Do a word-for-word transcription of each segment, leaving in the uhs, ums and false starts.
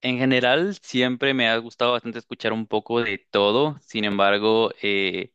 En general, siempre me ha gustado bastante escuchar un poco de todo. Sin embargo, eh,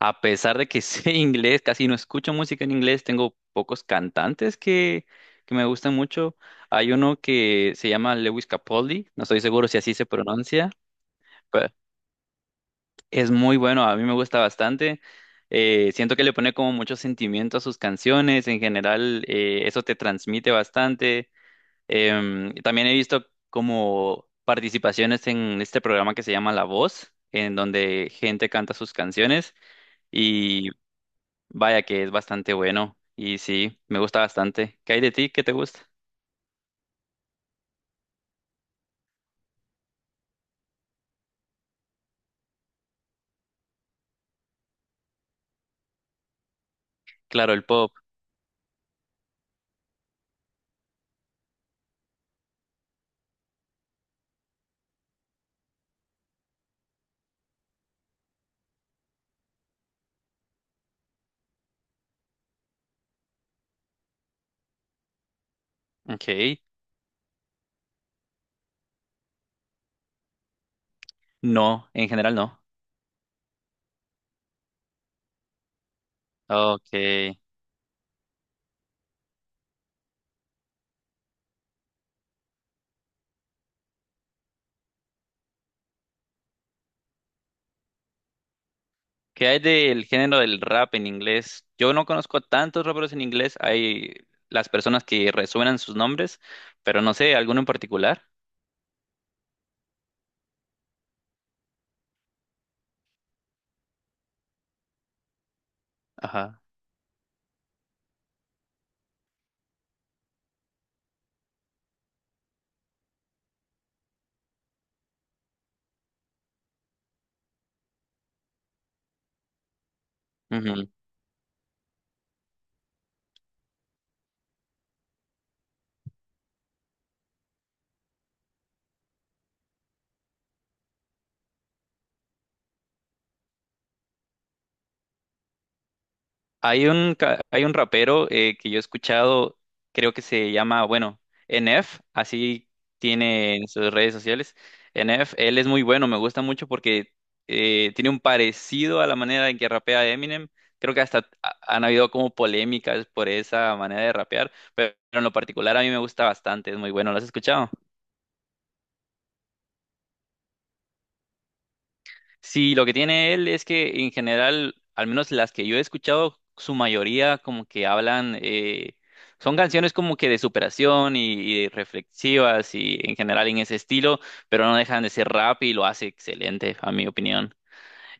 a pesar de que sé inglés, casi no escucho música en inglés, tengo pocos cantantes que, que me gustan mucho. Hay uno que se llama Lewis Capaldi, no estoy seguro si así se pronuncia, pero es muy bueno, a mí me gusta bastante. Eh, siento que le pone como mucho sentimiento a sus canciones. En general, eh, eso te transmite bastante. Em, también he visto como participaciones en este programa que se llama La Voz, en donde gente canta sus canciones y vaya que es bastante bueno y sí, me gusta bastante. ¿Qué hay de ti? ¿Qué te gusta? Claro, el pop. Ok. No, en general no. Ok. ¿Qué hay del género del rap en inglés? Yo no conozco tantos raperos en inglés. Hay las personas que resuenan sus nombres, pero no sé, ¿alguno en particular? Ajá. Hay un, ca- hay un rapero eh, que yo he escuchado, creo que se llama, bueno, N F, así tiene en sus redes sociales. N F, él es muy bueno, me gusta mucho porque eh, tiene un parecido a la manera en que rapea Eminem. Creo que hasta ha- han habido como polémicas por esa manera de rapear, pero en lo particular a mí me gusta bastante, es muy bueno. ¿Lo has escuchado? Sí, lo que tiene él es que en general, al menos las que yo he escuchado, su mayoría como que hablan, eh, son canciones como que de superación y, y reflexivas y en general en ese estilo, pero no dejan de ser rap y lo hace excelente, a mi opinión.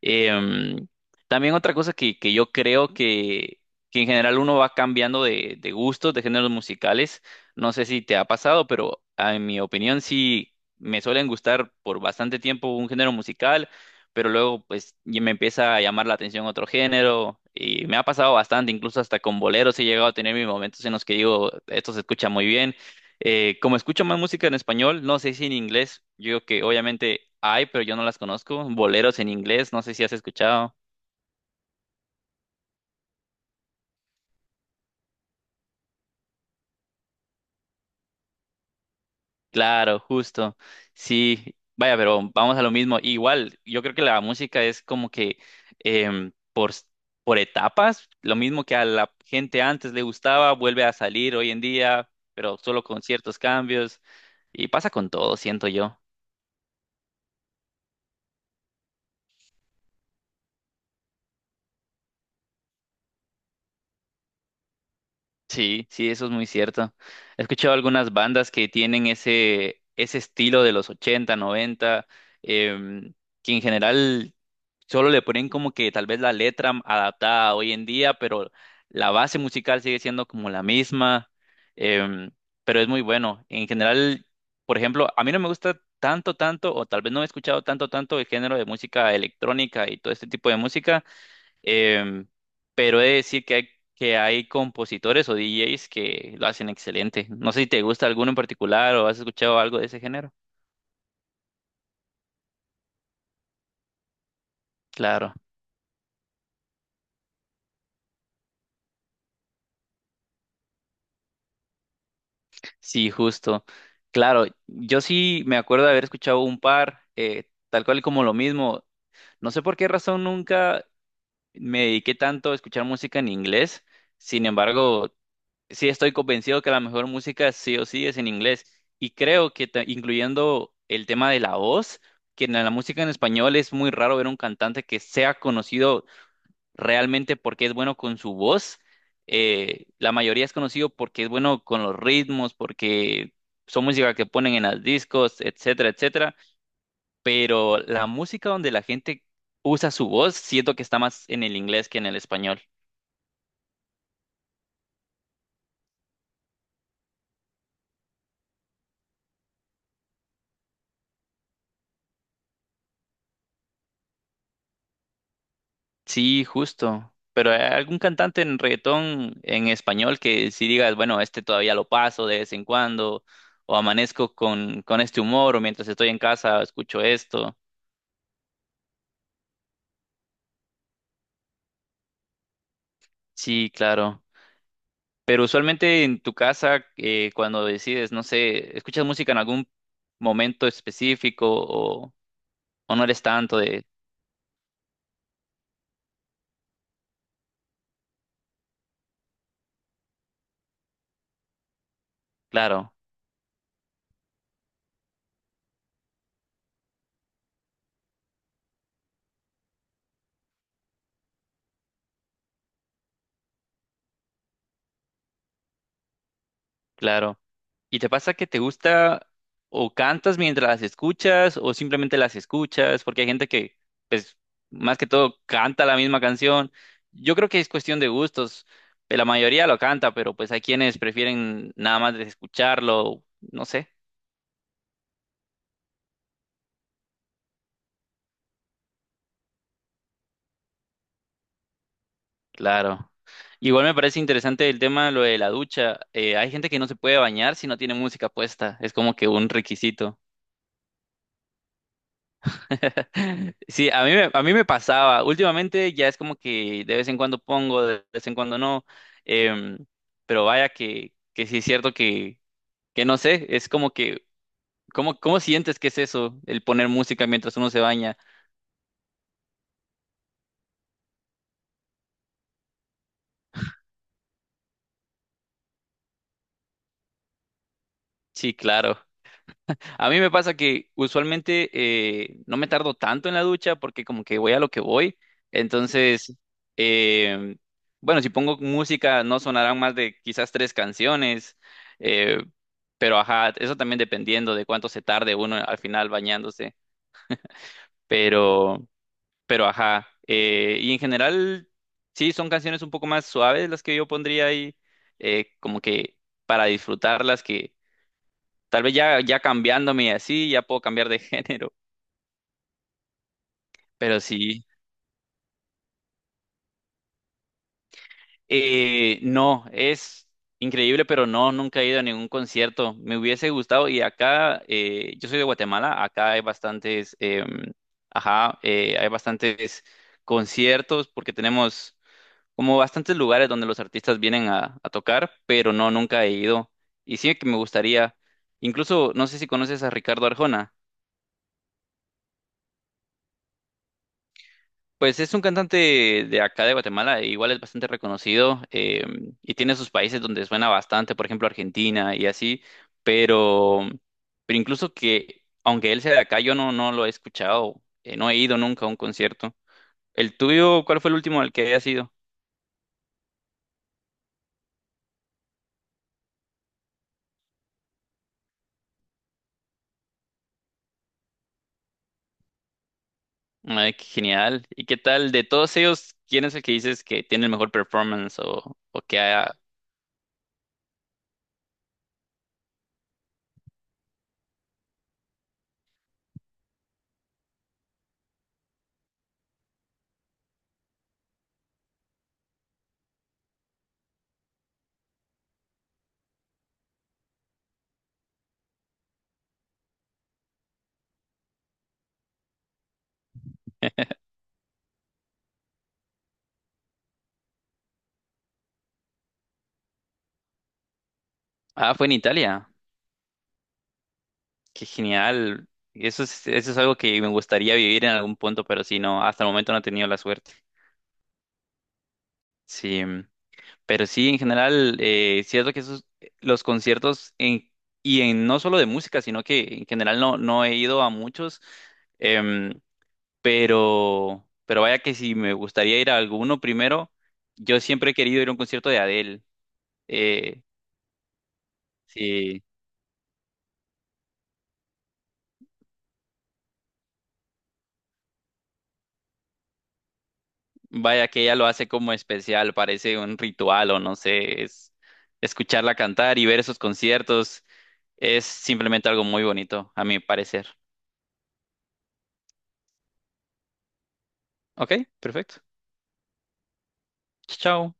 Em, También otra cosa que, que yo creo que, que en general uno va cambiando de, de gustos, de géneros musicales. No sé si te ha pasado, pero ah, en mi opinión sí me suelen gustar por bastante tiempo un género musical, pero luego pues y me empieza a llamar la atención otro género y me ha pasado bastante, incluso hasta con boleros he llegado a tener mis momentos en los que digo, esto se escucha muy bien. Eh, como escucho más música en español, no sé si en inglés, yo digo que obviamente hay, pero yo no las conozco. Boleros en inglés, no sé si has escuchado. Claro, justo. Sí, vaya, pero vamos a lo mismo. Igual, yo creo que la música es como que em, por, s- por etapas, lo mismo que a la gente antes le gustaba, vuelve a salir hoy en día, pero solo con ciertos cambios. Y pasa con todo, siento yo. Sí, sí, eso es muy cierto. He escuchado algunas bandas que tienen ese, ese estilo de los ochenta, noventa, em, que en general solo le ponen como que tal vez la letra adaptada a hoy en día, pero la base musical sigue siendo como la misma, em, pero es muy bueno. En general, por ejemplo, a mí no me gusta tanto, tanto, o tal vez no he escuchado tanto, tanto el género de música electrónica y todo este tipo de música. Em, pero he de decir que hay, que hay compositores o D Js que lo hacen excelente. No sé si te gusta alguno en particular o has escuchado algo de ese género. Claro, sí, justo. Claro, yo sí me acuerdo de haber escuchado un par, eh, tal cual como lo mismo. No sé por qué razón nunca me dediqué tanto a escuchar música en inglés. Sin embargo, sí estoy convencido que la mejor música sí o sí es en inglés. Y creo que ta- incluyendo el tema de la voz, que en la música en español es muy raro ver un cantante que sea conocido realmente porque es bueno con su voz. Eh, la mayoría es conocido porque es bueno con los ritmos, porque son música que ponen en los discos, etcétera, etcétera. Pero la música donde la gente usa su voz, siento que está más en el inglés que en el español. Sí, justo. Pero ¿hay algún cantante en reggaetón en español que si digas, bueno, este todavía lo paso de vez en cuando, o amanezco con, con este humor, o mientras estoy en casa escucho esto? Sí, claro. Pero usualmente en tu casa, eh, cuando decides, no sé, ¿escuchas música en algún momento específico o, o no eres tanto de... Claro, claro. ¿Y te pasa que te gusta o cantas mientras las escuchas o simplemente las escuchas? Porque hay gente que, pues, más que todo canta la misma canción. Yo creo que es cuestión de gustos. Eh, La mayoría lo canta, pero pues hay quienes prefieren nada más de escucharlo. No sé, claro. Igual me parece interesante el tema, lo de la ducha. Eh, hay gente que no se puede bañar si no tiene música puesta. Es como que un requisito. Sí, a mí me, a mí me pasaba. Últimamente ya es como que de vez en cuando pongo, de vez en cuando no. em, pero vaya que, que sí es cierto que, que no sé, es como que, ¿cómo, cómo sientes que es eso, el poner música mientras uno se baña? Sí, claro. A mí me pasa que usualmente eh, no me tardo tanto en la ducha porque como que voy a lo que voy. Entonces, eh, bueno, si pongo música no sonarán más de quizás tres canciones, eh, pero ajá, eso también dependiendo de cuánto se tarde uno al final bañándose. Pero, pero ajá, eh, y en general sí son canciones un poco más suaves las que yo pondría ahí, eh, como que para disfrutarlas que tal vez ya ya cambiándome y así ya puedo cambiar de género. Pero sí, eh, no, es increíble, pero no, nunca he ido a ningún concierto. Me hubiese gustado y acá, eh, yo soy de Guatemala, acá hay bastantes, em, ajá, eh, hay bastantes conciertos porque tenemos como bastantes lugares donde los artistas vienen a, a tocar, pero no, nunca he ido. Y sí que me gustaría, incluso, no sé si conoces a Ricardo Arjona. Pues es un cantante de acá de Guatemala, e igual es bastante reconocido, eh, y tiene sus países donde suena bastante, por ejemplo Argentina y así, pero, pero incluso que, aunque él sea de acá, yo no, no lo he escuchado, eh, no he ido nunca a un concierto. ¿El tuyo, cuál fue el último al que hayas ido? Ay, qué genial. ¿Y qué tal? De todos ellos, ¿quién es el que dices que tiene el mejor performance o, o que ha... Ah, fue en Italia. Qué genial. Eso es, eso es algo que me gustaría vivir en algún punto, pero sí, no, hasta el momento no he tenido la suerte. Sí, mm, pero sí, en general, eh, cierto que esos, los conciertos en, y en no solo de música, sino que en general no, no he ido a muchos, em, pero, pero vaya que si me gustaría ir a alguno primero, yo siempre he querido ir a un concierto de Adele. Eh, sí, Vaya que ella lo hace como especial, parece un ritual o no sé, es escucharla cantar y ver esos conciertos es simplemente algo muy bonito, a mi parecer. Ok, perfecto. Chao.